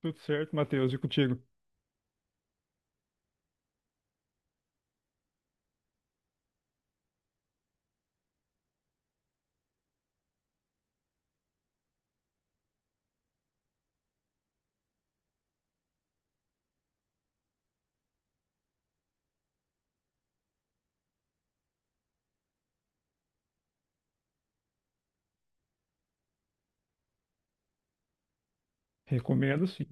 Tudo certo, Matheus, e contigo? Recomendo, sim.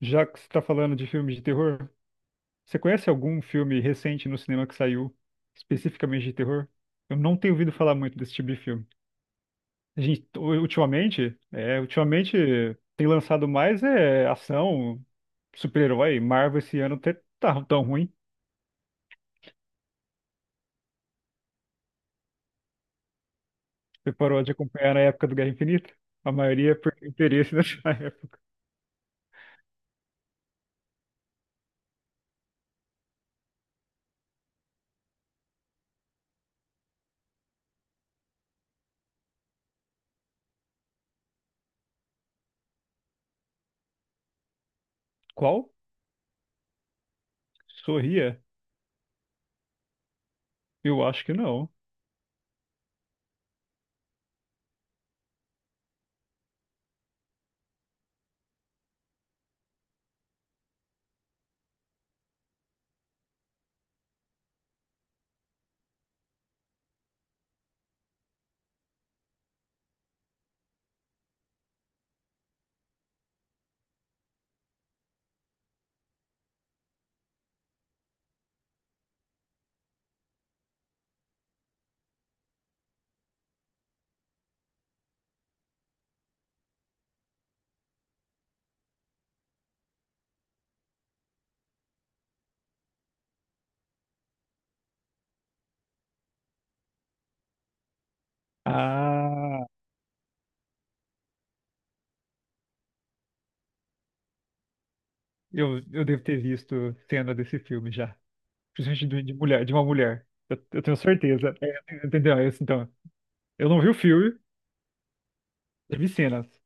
Já que você está falando de filmes de terror, você conhece algum filme recente no cinema que saiu especificamente de terror? Eu não tenho ouvido falar muito desse tipo de filme. A gente, ultimamente, ultimamente tem lançado mais ação, super-herói. Marvel esse ano até tá tão ruim. Você parou de acompanhar na época do Guerra Infinita? A maioria é por interesse nessa época. Qual? Sorria? Eu acho que não. Ah. Eu devo ter visto cena desse filme já. Principalmente de mulher, de uma mulher. Eu tenho certeza. É, entendeu? É isso, então. Eu não vi o filme, eu vi cenas.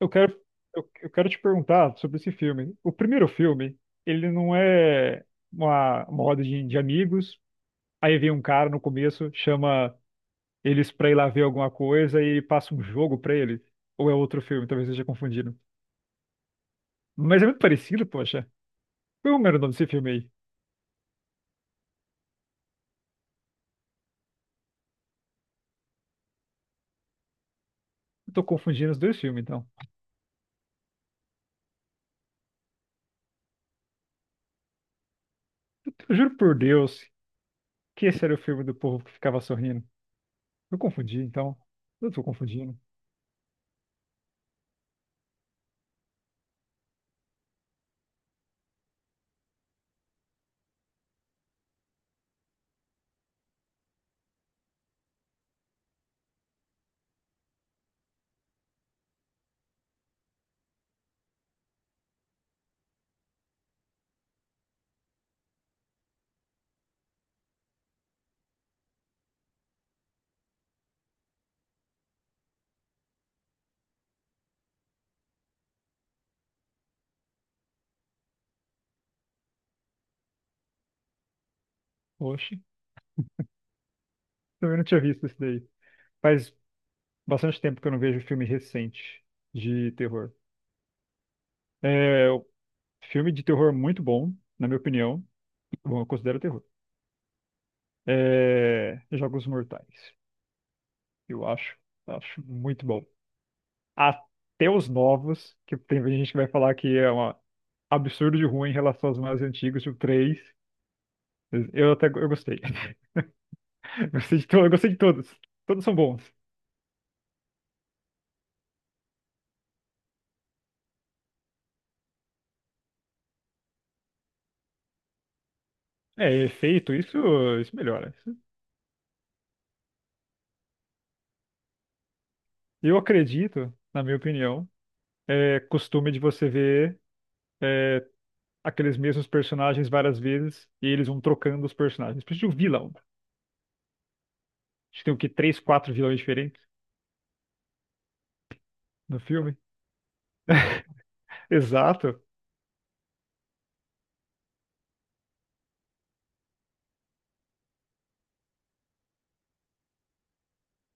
Eu quero, eu quero te perguntar sobre esse filme. O primeiro filme, ele não é uma roda de amigos. Aí vem um cara no começo, chama eles pra ir lá ver alguma coisa e passa um jogo pra eles. Ou é outro filme, talvez eu esteja confundindo. Mas é muito parecido, poxa. Qual é o nome desse filme aí? Eu tô confundindo os dois filmes, então. Eu juro por Deus que esse era o filme do povo que ficava sorrindo. Eu confundi, então. Eu tô confundindo. Oxe, também não tinha visto esse daí. Faz bastante tempo que eu não vejo filme recente de terror. É, o filme de terror muito bom, na minha opinião. Bom, eu considero terror. É, Jogos Mortais. Eu acho, acho muito bom. Até os novos, que tem gente que vai falar que é um absurdo de ruim em relação aos mais antigos, tipo 3. Eu até eu gostei. Eu gostei de todos. Todos são bons. É, efeito, isso melhora. Isso. Eu acredito, na minha opinião, é costume de você ver é, aqueles mesmos personagens várias vezes e eles vão trocando os personagens. Precisa de um vilão. Acho que tem o quê? Três, quatro vilões diferentes no filme. Exato.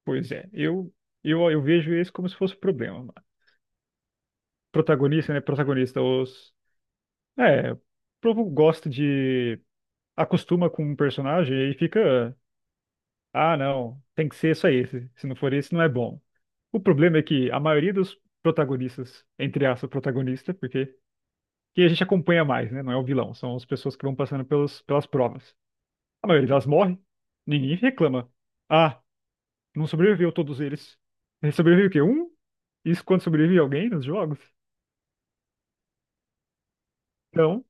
Pois é. Eu vejo isso como se fosse um problema, mano. Protagonista, né? Protagonista, os. É, o povo gosta de. Acostuma com um personagem e fica. Ah, não, tem que ser só esse. Se não for esse, não é bom. O problema é que a maioria dos protagonistas, entre aspas, protagonista, porque que a gente acompanha mais, né? Não é o vilão, são as pessoas que vão passando pelos, pelas provas. A maioria delas morre, ninguém reclama. Ah, não sobreviveu todos eles. Sobreviveu o quê? Um? Isso quando sobrevive alguém nos jogos? Então,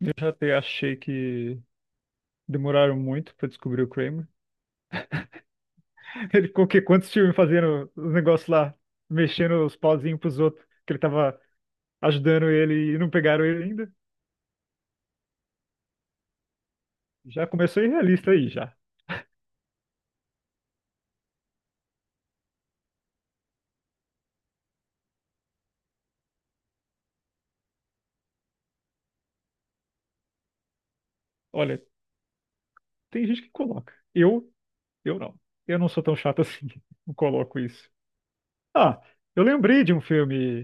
eu já até achei que demoraram muito pra descobrir o Kramer. Ele ficou o quê? Quantos filmes fazendo os negócios lá, mexendo os pauzinhos pros outros, que ele tava ajudando ele e não pegaram ele ainda. Já começou irrealista aí, já. Olha, tem gente que coloca. Eu não. Eu não sou tão chato assim. Não coloco isso. Ah, eu lembrei de um filme,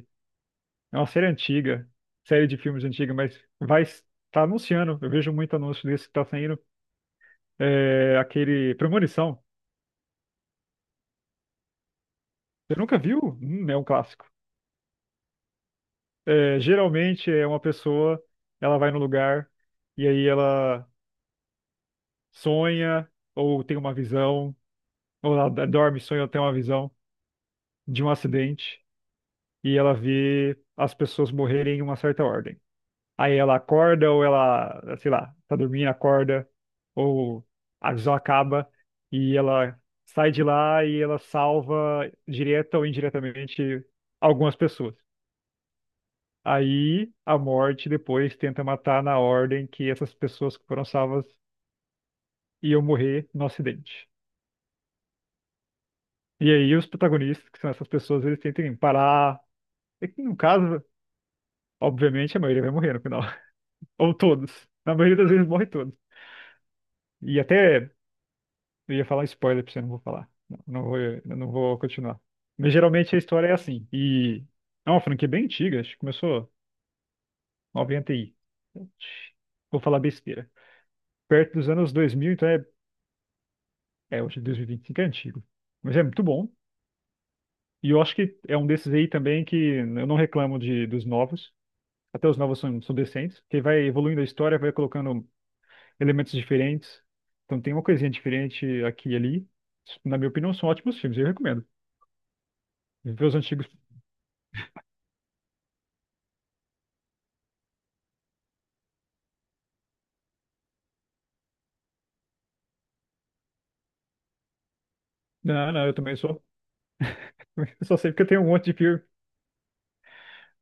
é uma série antiga, série de filmes antiga, mas vai tá anunciando. Eu vejo muito anúncio desse que tá saindo. É aquele Premonição. Você nunca viu? É um clássico. É, geralmente é uma pessoa, ela vai no lugar e aí ela sonha ou tem uma visão ou ela dorme, sonha, tem uma visão de um acidente e ela vê as pessoas morrerem em uma certa ordem. Aí ela acorda ou ela, sei lá, tá dormindo, acorda, ou a visão acaba e ela sai de lá e ela salva direta ou indiretamente algumas pessoas. Aí a morte depois tenta matar na ordem que essas pessoas que foram salvas iam morrer no acidente. E aí os protagonistas, que são essas pessoas, eles tentam parar. É que, no caso, obviamente a maioria vai morrer no final. Ou todos. Na maioria das vezes morre todos. E até eu ia falar spoiler pra você, não vou falar. Eu não vou continuar. Mas geralmente a história é assim. E é uma franquia bem antiga, acho que começou 90 e. Vou falar besteira. Perto dos anos 2000 então é, é hoje dois mil e vinte e cinco é antigo. Mas é muito bom. E eu acho que é um desses aí também que eu não reclamo de, dos novos. Até os novos são, são decentes. Que vai evoluindo a história, vai colocando elementos diferentes. Então tem uma coisinha diferente aqui e ali. Na minha opinião, são ótimos filmes, eu recomendo. Ver os antigos. Não, não, eu também sou. Eu só sei porque tem um monte de filme.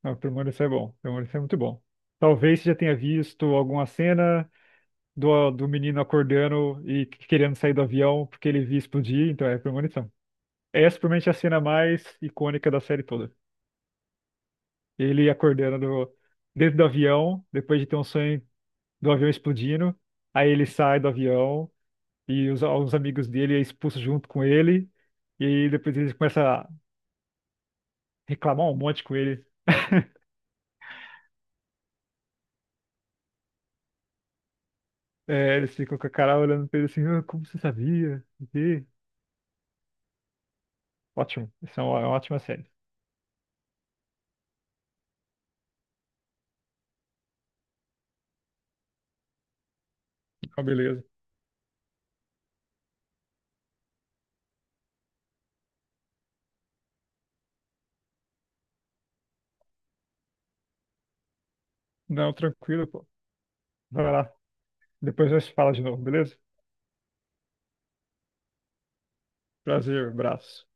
Ah, Premonição é bom. Premonição é muito bom. Talvez você já tenha visto alguma cena do, do menino acordando e querendo sair do avião porque ele viu explodir, então é Premonição. Essa provavelmente é a cena mais icônica da série toda. Ele acordando do- dentro do avião, depois de ter um sonho do avião explodindo. Aí ele sai do avião, e os, alguns amigos dele é expulso junto com ele, e aí depois ele começa a reclamar um monte com ele. É, eles ficam com a cara olhando pra ele assim, "Ah, como você sabia? Não sei o quê." Ótimo, isso é uma ótima série. Então, beleza. Não, tranquilo, pô. Vai lá. Depois nós se fala de novo, beleza? Prazer, abraço.